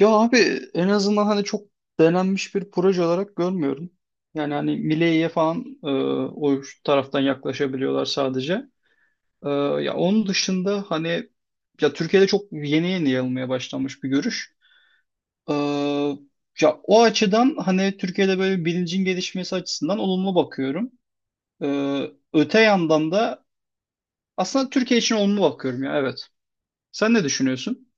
Ya abi, en azından hani çok denenmiş bir proje olarak görmüyorum. Yani hani Milei'ye falan o taraftan yaklaşabiliyorlar sadece. E, Ya onun dışında hani, ya Türkiye'de çok yeni yeni yayılmaya başlanmış bir görüş. E, Ya o açıdan hani Türkiye'de böyle bilincin gelişmesi açısından olumlu bakıyorum. E, Öte yandan da aslında Türkiye için olumlu bakıyorum, ya evet. Sen ne düşünüyorsun?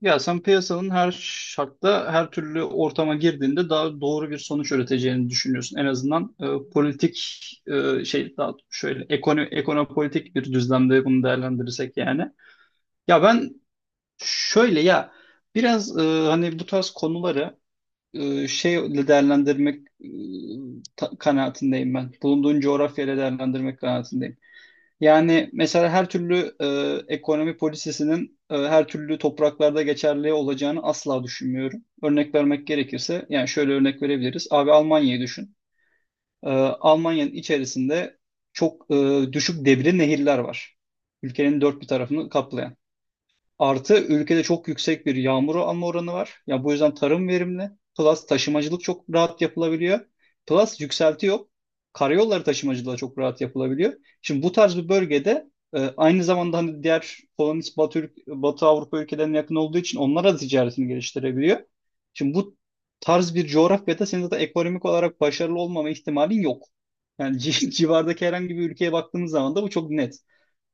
Ya sen piyasanın her şartta, her türlü ortama girdiğinde daha doğru bir sonuç üreteceğini düşünüyorsun. En azından politik daha şöyle ekonopolitik bir düzlemde bunu değerlendirirsek yani. Ya ben, şöyle ya, biraz hani bu tarz konuları e, şeyle değerlendirmek, kanaatindeyim ben. Bulunduğun coğrafyayla değerlendirmek kanaatindeyim. Yani mesela her türlü ekonomi polisisinin her türlü topraklarda geçerli olacağını asla düşünmüyorum. Örnek vermek gerekirse yani şöyle örnek verebiliriz. Abi Almanya'yı düşün. E, Almanya'nın içerisinde çok düşük debili nehirler var. Ülkenin dört bir tarafını kaplayan. Artı ülkede çok yüksek bir yağmur alma oranı var. Ya bu yüzden tarım verimli. Plus taşımacılık çok rahat yapılabiliyor. Plus yükselti yok. Karayolları taşımacılığı da çok rahat yapılabiliyor. Şimdi bu tarz bir bölgede, aynı zamanda hani diğer kolonist Batı Avrupa ülkelerine yakın olduğu için onlara da ticaretini geliştirebiliyor. Şimdi bu tarz bir coğrafyada senin zaten ekonomik olarak başarılı olmama ihtimalin yok. Yani civardaki herhangi bir ülkeye baktığınız zaman da bu çok net.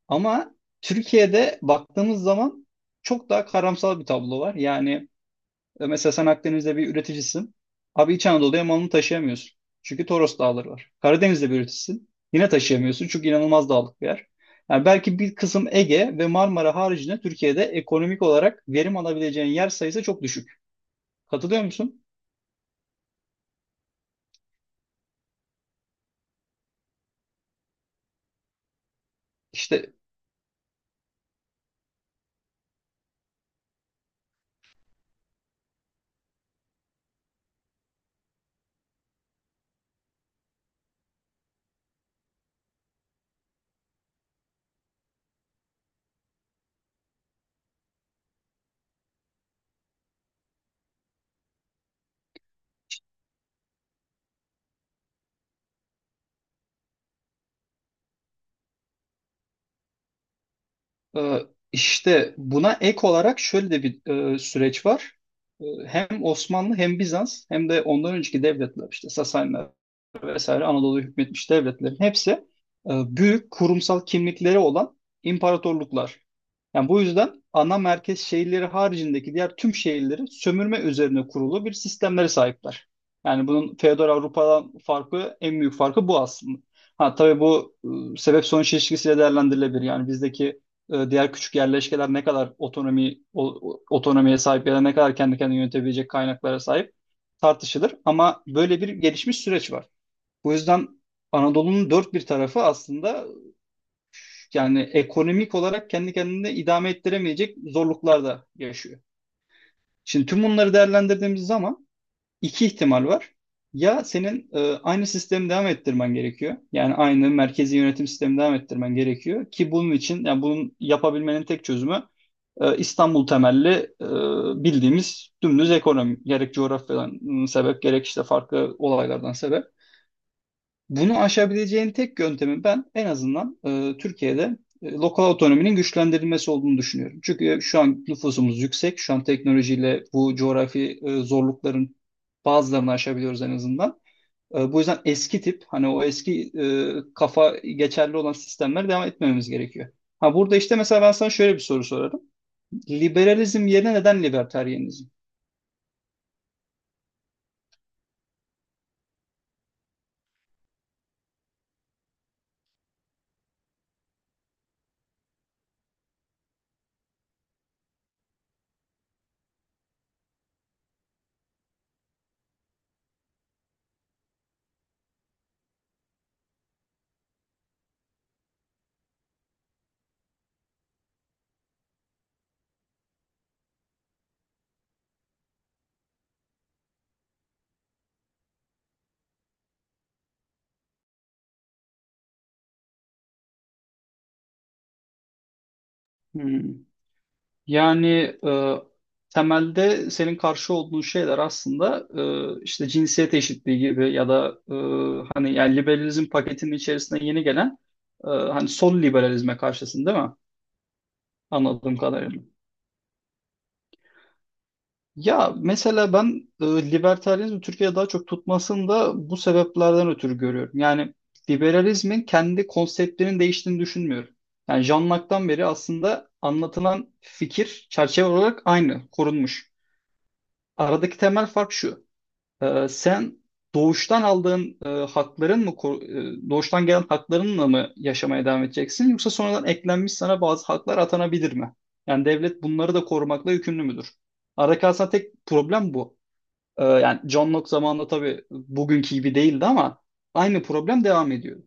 Ama Türkiye'de baktığımız zaman çok daha karamsar bir tablo var. Yani mesela sen Akdeniz'de bir üreticisin. Abi İç Anadolu'ya malını taşıyamıyorsun. Çünkü Toros Dağları var. Karadeniz'de bir üreticisin. Yine taşıyamıyorsun, çünkü inanılmaz dağlık bir yer. Yani belki bir kısım Ege ve Marmara haricinde Türkiye'de ekonomik olarak verim alabileceğin yer sayısı çok düşük. Katılıyor musun? İşte. Ee, İşte buna ek olarak şöyle de bir süreç var. Hem Osmanlı, hem Bizans, hem de ondan önceki devletler, işte vesaire, Anadolu'ya hükmetmiş devletlerin hepsi büyük kurumsal kimlikleri olan imparatorluklar. Yani bu yüzden ana merkez şehirleri haricindeki diğer tüm şehirlerin sömürme üzerine kurulu bir sistemlere sahipler. Yani bunun feodal Avrupa'dan farkı, en büyük farkı bu aslında. Ha tabii bu sebep sonuç ilişkisiyle değerlendirilebilir. Yani bizdeki diğer küçük yerleşkeler ne kadar otonomiye sahip ya da ne kadar kendi kendini yönetebilecek kaynaklara sahip, tartışılır. Ama böyle bir gelişmiş süreç var. Bu yüzden Anadolu'nun dört bir tarafı aslında, yani ekonomik olarak kendi kendine idame ettiremeyecek zorluklar da yaşıyor. Şimdi tüm bunları değerlendirdiğimiz zaman iki ihtimal var. Ya senin aynı sistemi devam ettirmen gerekiyor. Yani aynı merkezi yönetim sistemi devam ettirmen gerekiyor ki bunun için, yani bunun yapabilmenin tek çözümü İstanbul temelli bildiğimiz dümdüz ekonomi, gerek coğrafyadan sebep, gerek işte farklı olaylardan sebep. Bunu aşabileceğin tek yöntemi, ben en azından Türkiye'de lokal otonominin güçlendirilmesi olduğunu düşünüyorum. Çünkü şu an nüfusumuz yüksek. Şu an teknolojiyle bu coğrafi zorlukların bazılarını aşabiliyoruz en azından. Bu yüzden eski tip, hani o eski kafa geçerli olan sistemlere devam etmememiz gerekiyor. Ha burada işte mesela ben sana şöyle bir soru sorarım. Liberalizm yerine neden libertarianizm? Hmm. Yani e, temelde senin karşı olduğun şeyler aslında işte cinsiyet eşitliği gibi, ya da hani, yani liberalizm paketinin içerisine yeni gelen hani sol liberalizme karşısın, değil mi? Anladığım kadarıyla. Ya mesela ben libertarianizmi Türkiye'de daha çok tutmasını da bu sebeplerden ötürü görüyorum. Yani liberalizmin kendi konseptlerinin değiştiğini düşünmüyorum. Yani Jean Locke'tan beri aslında anlatılan fikir çerçeve olarak aynı, korunmuş. Aradaki temel fark şu. Sen doğuştan aldığın e, hakların mı koru- doğuştan gelen haklarınla mı yaşamaya devam edeceksin, yoksa sonradan eklenmiş sana bazı haklar atanabilir mi? Yani devlet bunları da korumakla yükümlü müdür? Aradaki aslında tek problem bu. Yani John Locke zamanında tabii bugünkü gibi değildi, ama aynı problem devam ediyor.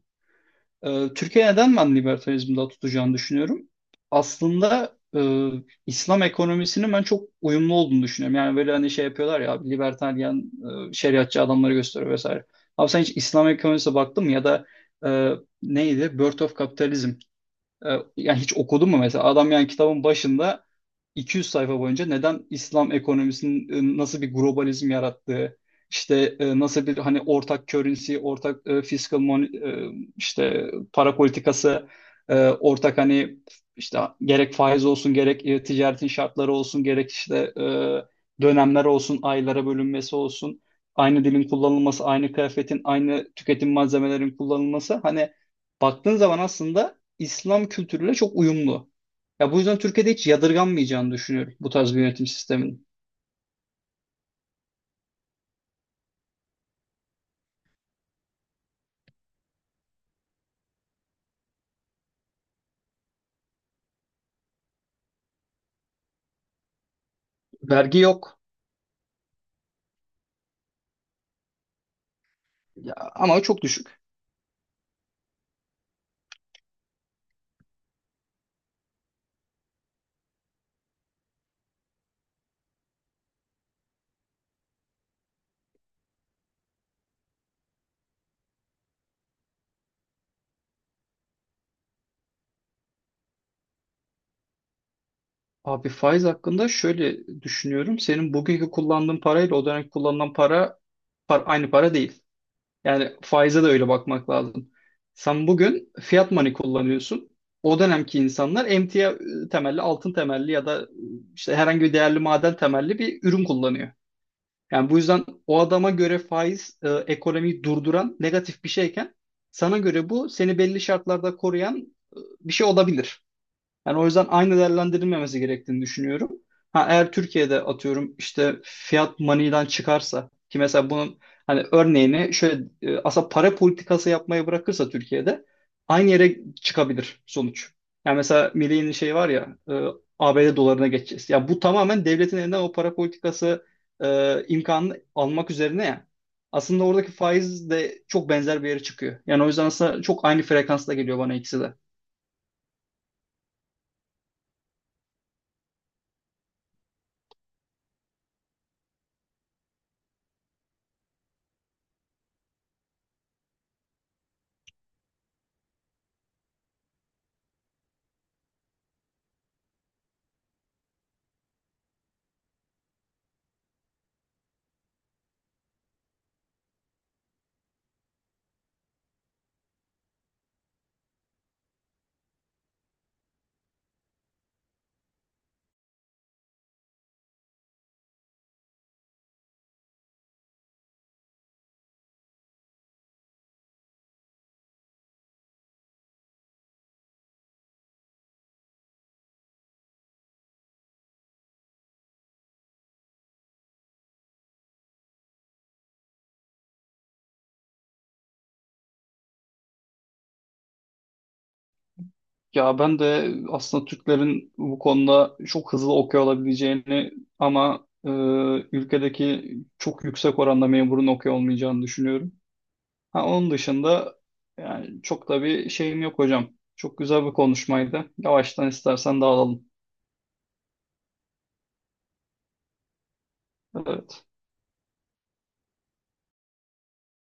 Türkiye neden ben libertalizmi daha tutacağını düşünüyorum? Aslında İslam ekonomisinin ben çok uyumlu olduğunu düşünüyorum. Yani böyle hani şey yapıyorlar ya, libertaryen şeriatçı adamları gösteriyor vesaire. Abi sen hiç İslam ekonomisine baktın mı, ya da e, neydi? Birth of Capitalism. E, Yani hiç okudun mu mesela? Adam, yani kitabın başında 200 sayfa boyunca neden İslam ekonomisinin nasıl bir globalizm yarattığı, işte nasıl bir hani ortak currency, ortak işte para politikası, ortak hani işte, gerek faiz olsun, gerek ticaretin şartları olsun, gerek işte dönemler olsun, aylara bölünmesi olsun, aynı dilin kullanılması, aynı kıyafetin, aynı tüketim malzemelerin kullanılması, hani baktığın zaman aslında İslam kültürüyle çok uyumlu. Ya bu yüzden Türkiye'de hiç yadırganmayacağını düşünüyorum bu tarz bir yönetim sisteminin. Vergi yok ya, ama çok düşük. Abi faiz hakkında şöyle düşünüyorum. Senin bugünkü kullandığın parayla o dönemki kullanılan para, aynı para değil. Yani faize de öyle bakmak lazım. Sen bugün fiat money kullanıyorsun. O dönemki insanlar emtia temelli, altın temelli, ya da işte herhangi bir değerli maden temelli bir ürün kullanıyor. Yani bu yüzden o adama göre faiz ekonomiyi durduran negatif bir şeyken, sana göre bu seni belli şartlarda koruyan bir şey olabilir. Yani o yüzden aynı değerlendirilmemesi gerektiğini düşünüyorum. Ha, eğer Türkiye'de atıyorum işte fiyat maniden çıkarsa, ki mesela bunun hani örneğini şöyle, aslında para politikası yapmayı bırakırsa Türkiye'de aynı yere çıkabilir sonuç. Yani mesela Milley'in şey var ya, ABD dolarına geçeceğiz. Ya bu tamamen devletin elinden o para politikası imkanını almak üzerine ya. Aslında oradaki faiz de çok benzer bir yere çıkıyor. Yani o yüzden aslında çok aynı frekansta geliyor bana ikisi de. Ya ben de aslında Türklerin bu konuda çok hızlı okuyor olabileceğini, ama ülkedeki çok yüksek oranda memurun okuyor olmayacağını düşünüyorum. Ha, onun dışında yani çok da bir şeyim yok hocam. Çok güzel bir konuşmaydı. Yavaştan istersen dağılalım. Evet.